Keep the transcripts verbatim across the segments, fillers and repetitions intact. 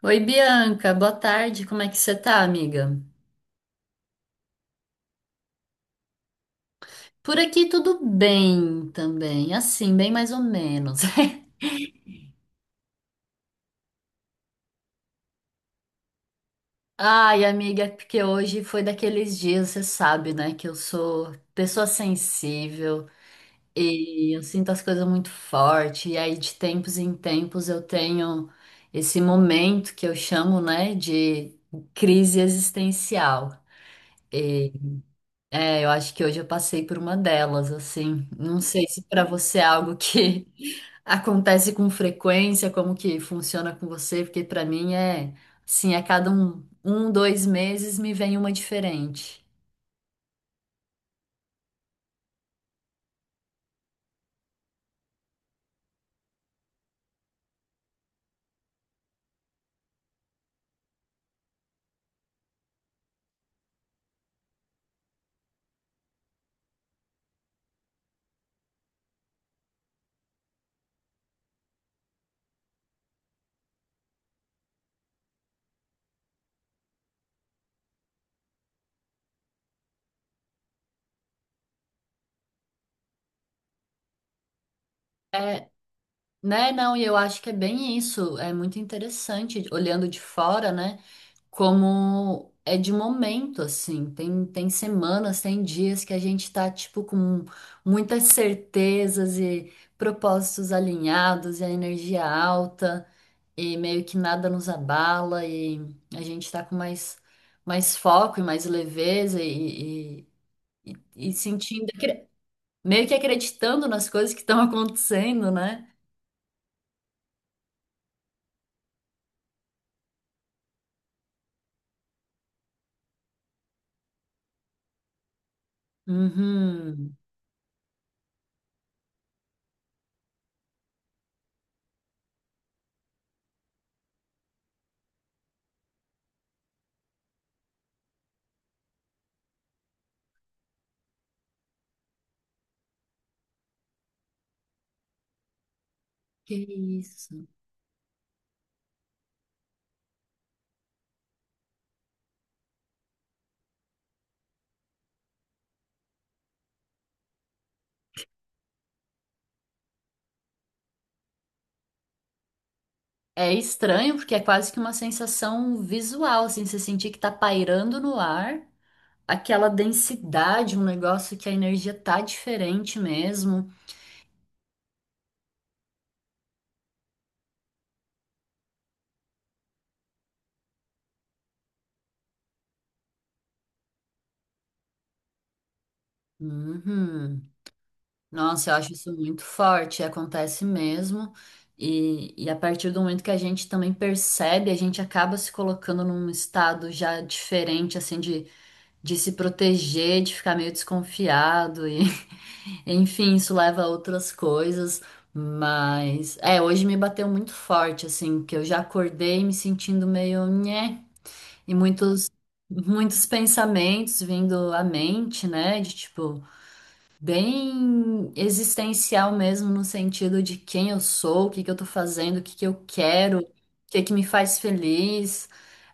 Oi, Bianca, boa tarde. Como é que você tá, amiga? Por aqui tudo bem também, assim, bem mais ou menos. Ai, amiga, é porque hoje foi daqueles dias, você sabe, né, que eu sou pessoa sensível e eu sinto as coisas muito forte, e aí de tempos em tempos eu tenho esse momento que eu chamo, né, de crise existencial. É, eu acho que hoje eu passei por uma delas, assim. Não sei se para você é algo que acontece com frequência, como que funciona com você, porque para mim é, assim, a cada um, um, dois meses me vem uma diferente. É, né? Não, e eu acho que é bem isso. É muito interessante olhando de fora, né? Como é de momento, assim. Tem, tem semanas, tem dias que a gente tá, tipo, com muitas certezas e propósitos alinhados e a energia alta e meio que nada nos abala e a gente tá com mais, mais foco e mais leveza e, e, e- e sentindo, acre- meio que acreditando nas coisas que estão acontecendo, né? Uhum. Que isso. É estranho porque é quase que uma sensação visual, assim, você sentir que tá pairando no ar, aquela densidade, um negócio que a energia tá diferente mesmo. Uhum. Nossa, eu acho isso muito forte, acontece mesmo. E, e a partir do momento que a gente também percebe, a gente acaba se colocando num estado já diferente, assim, de de se proteger, de ficar meio desconfiado e enfim, isso leva a outras coisas, mas é, hoje me bateu muito forte assim, que eu já acordei me sentindo meio nhé, e muitos muitos pensamentos vindo à mente, né, de tipo bem existencial mesmo, no sentido de quem eu sou, o que que eu tô fazendo, o que que eu quero, o que que me faz feliz.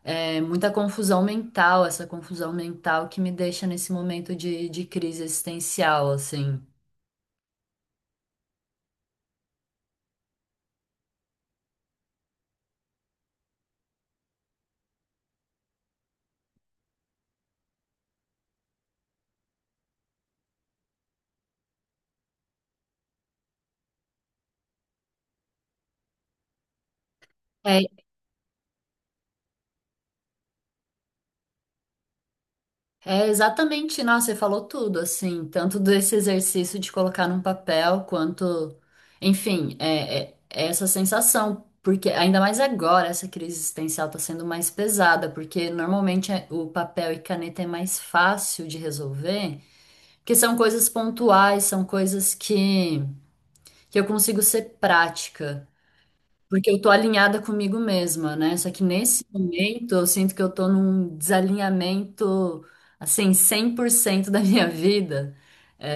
É, muita confusão mental, essa confusão mental que me deixa nesse momento de, de crise existencial, assim. É, é exatamente, nossa, você falou tudo, assim, tanto desse exercício de colocar num papel, quanto, enfim, é, é- é essa sensação, porque ainda mais agora essa crise existencial está sendo mais pesada, porque normalmente é- o papel e caneta é mais fácil de resolver, porque são coisas pontuais, são coisas que, que eu consigo ser prática. Porque eu tô alinhada comigo mesma, né? Só que nesse momento eu sinto que eu tô num desalinhamento, assim, cem por cento da minha vida. É,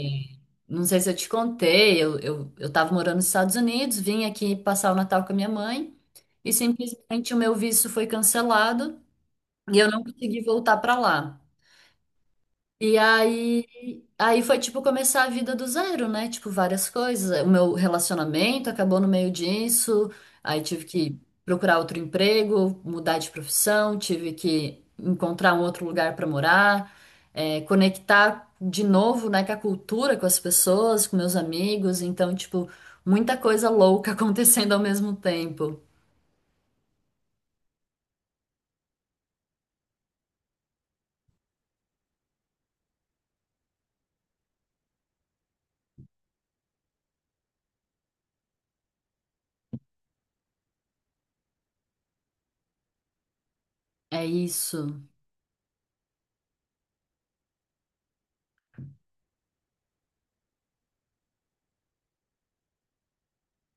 não sei se eu te contei, eu, eu, eu tava morando nos Estados Unidos, vim aqui passar o Natal com a minha mãe e simplesmente o meu visto foi cancelado e eu não consegui voltar para lá. E aí, aí foi tipo começar a vida do zero, né? Tipo, várias coisas. O meu relacionamento acabou no meio disso, aí tive que procurar outro emprego, mudar de profissão, tive que encontrar um outro lugar para morar, é, conectar de novo, né, com a cultura, com as pessoas, com meus amigos. Então, tipo, muita coisa louca acontecendo ao mesmo tempo. É isso.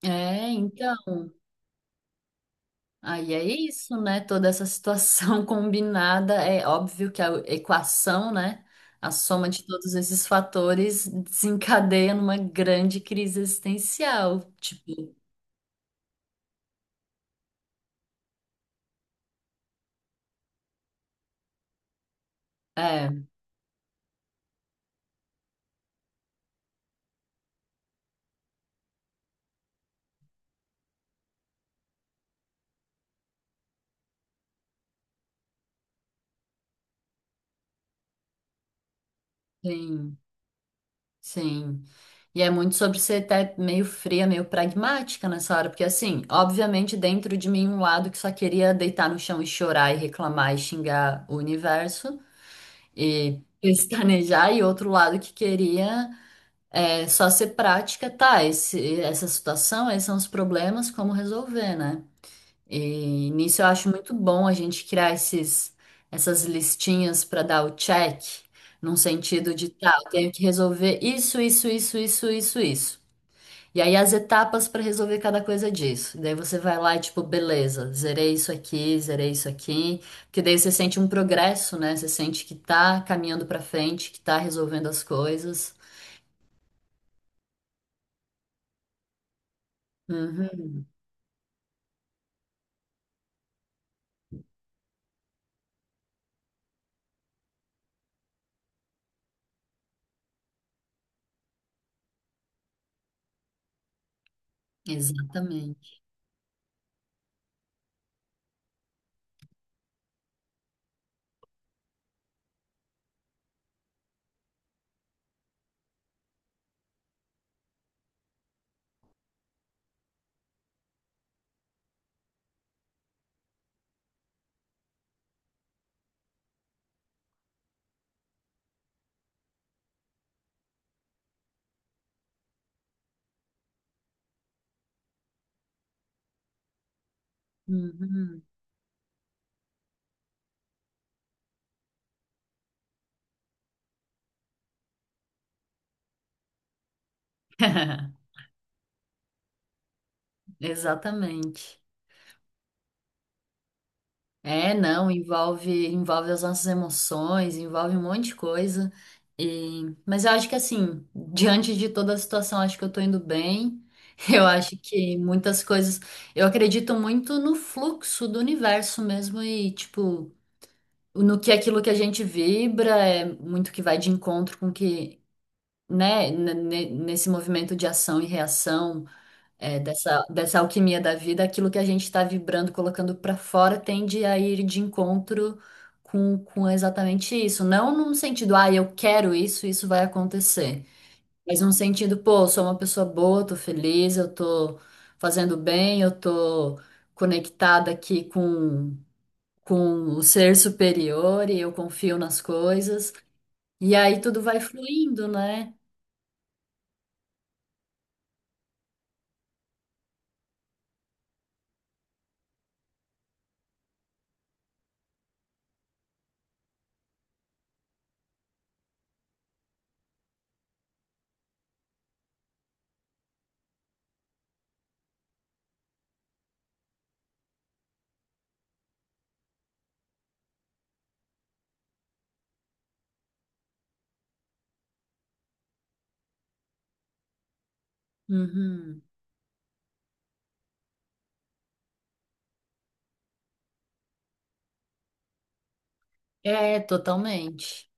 É, então. Aí é isso, né? Toda essa situação combinada, é óbvio que a equação, né? A soma de todos esses fatores desencadeia numa grande crise existencial. Tipo, é, sim, sim. E é muito sobre ser até meio fria, meio pragmática nessa hora, porque assim, obviamente dentro de mim um lado que só queria deitar no chão e chorar e reclamar e xingar o universo e pestanejar, e outro lado que queria. É só ser prática, tá? Esse, essa situação, esses são os problemas, como resolver, né? E nisso eu acho muito bom a gente criar esses, essas listinhas para dar o check, num sentido de, tá, eu tenho que resolver isso, isso, isso, isso, isso, isso. E aí as etapas para resolver cada coisa disso. Daí você vai lá e tipo, beleza, zerei isso aqui, zerei isso aqui, porque daí você sente um progresso, né? Você sente que tá caminhando para frente, que tá resolvendo as coisas. Uhum. Exatamente. Uhum. Exatamente. É, não, envolve, envolve as nossas emoções, envolve um monte de coisa. E... mas eu acho que assim, diante de toda a situação, acho que eu tô indo bem. Eu acho que muitas coisas. Eu acredito muito no fluxo do universo mesmo e, tipo, no que aquilo que a gente vibra é muito que vai de encontro com que, né, n- n- nesse movimento de ação e reação. É, dessa, dessa alquimia da vida, aquilo que a gente está vibrando, colocando para fora, tende a ir de encontro com, com exatamente isso. Não num sentido, ah, eu quero isso, isso vai acontecer. Mas num sentido, pô, eu sou uma pessoa boa, tô feliz, eu tô fazendo bem, eu tô conectada aqui com, com o ser superior e eu confio nas coisas. E aí tudo vai fluindo, né? Uhum. É, totalmente.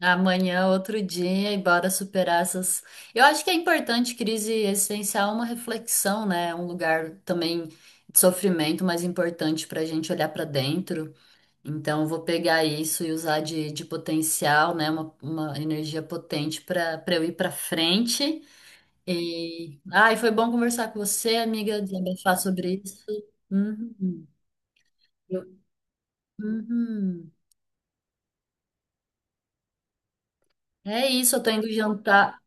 Amanhã, outro dia, e bora superar essas. Eu acho que é importante crise existencial, é uma reflexão, né? É um lugar também de sofrimento, mas importante para a gente olhar para dentro. Então, eu vou pegar isso e usar de, de potencial, né? Uma, uma energia potente para para eu ir para frente. E. Ai, foi bom conversar com você, amiga, desabafar sobre isso. Uhum. Eu- uhum. É isso, eu tô indo jantar.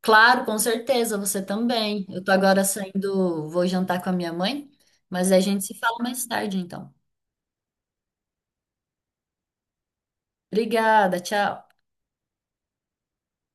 Claro, com certeza, você também. Eu tô agora saindo, vou jantar com a minha mãe, mas a gente se fala mais tarde, então. Obrigada, tchau.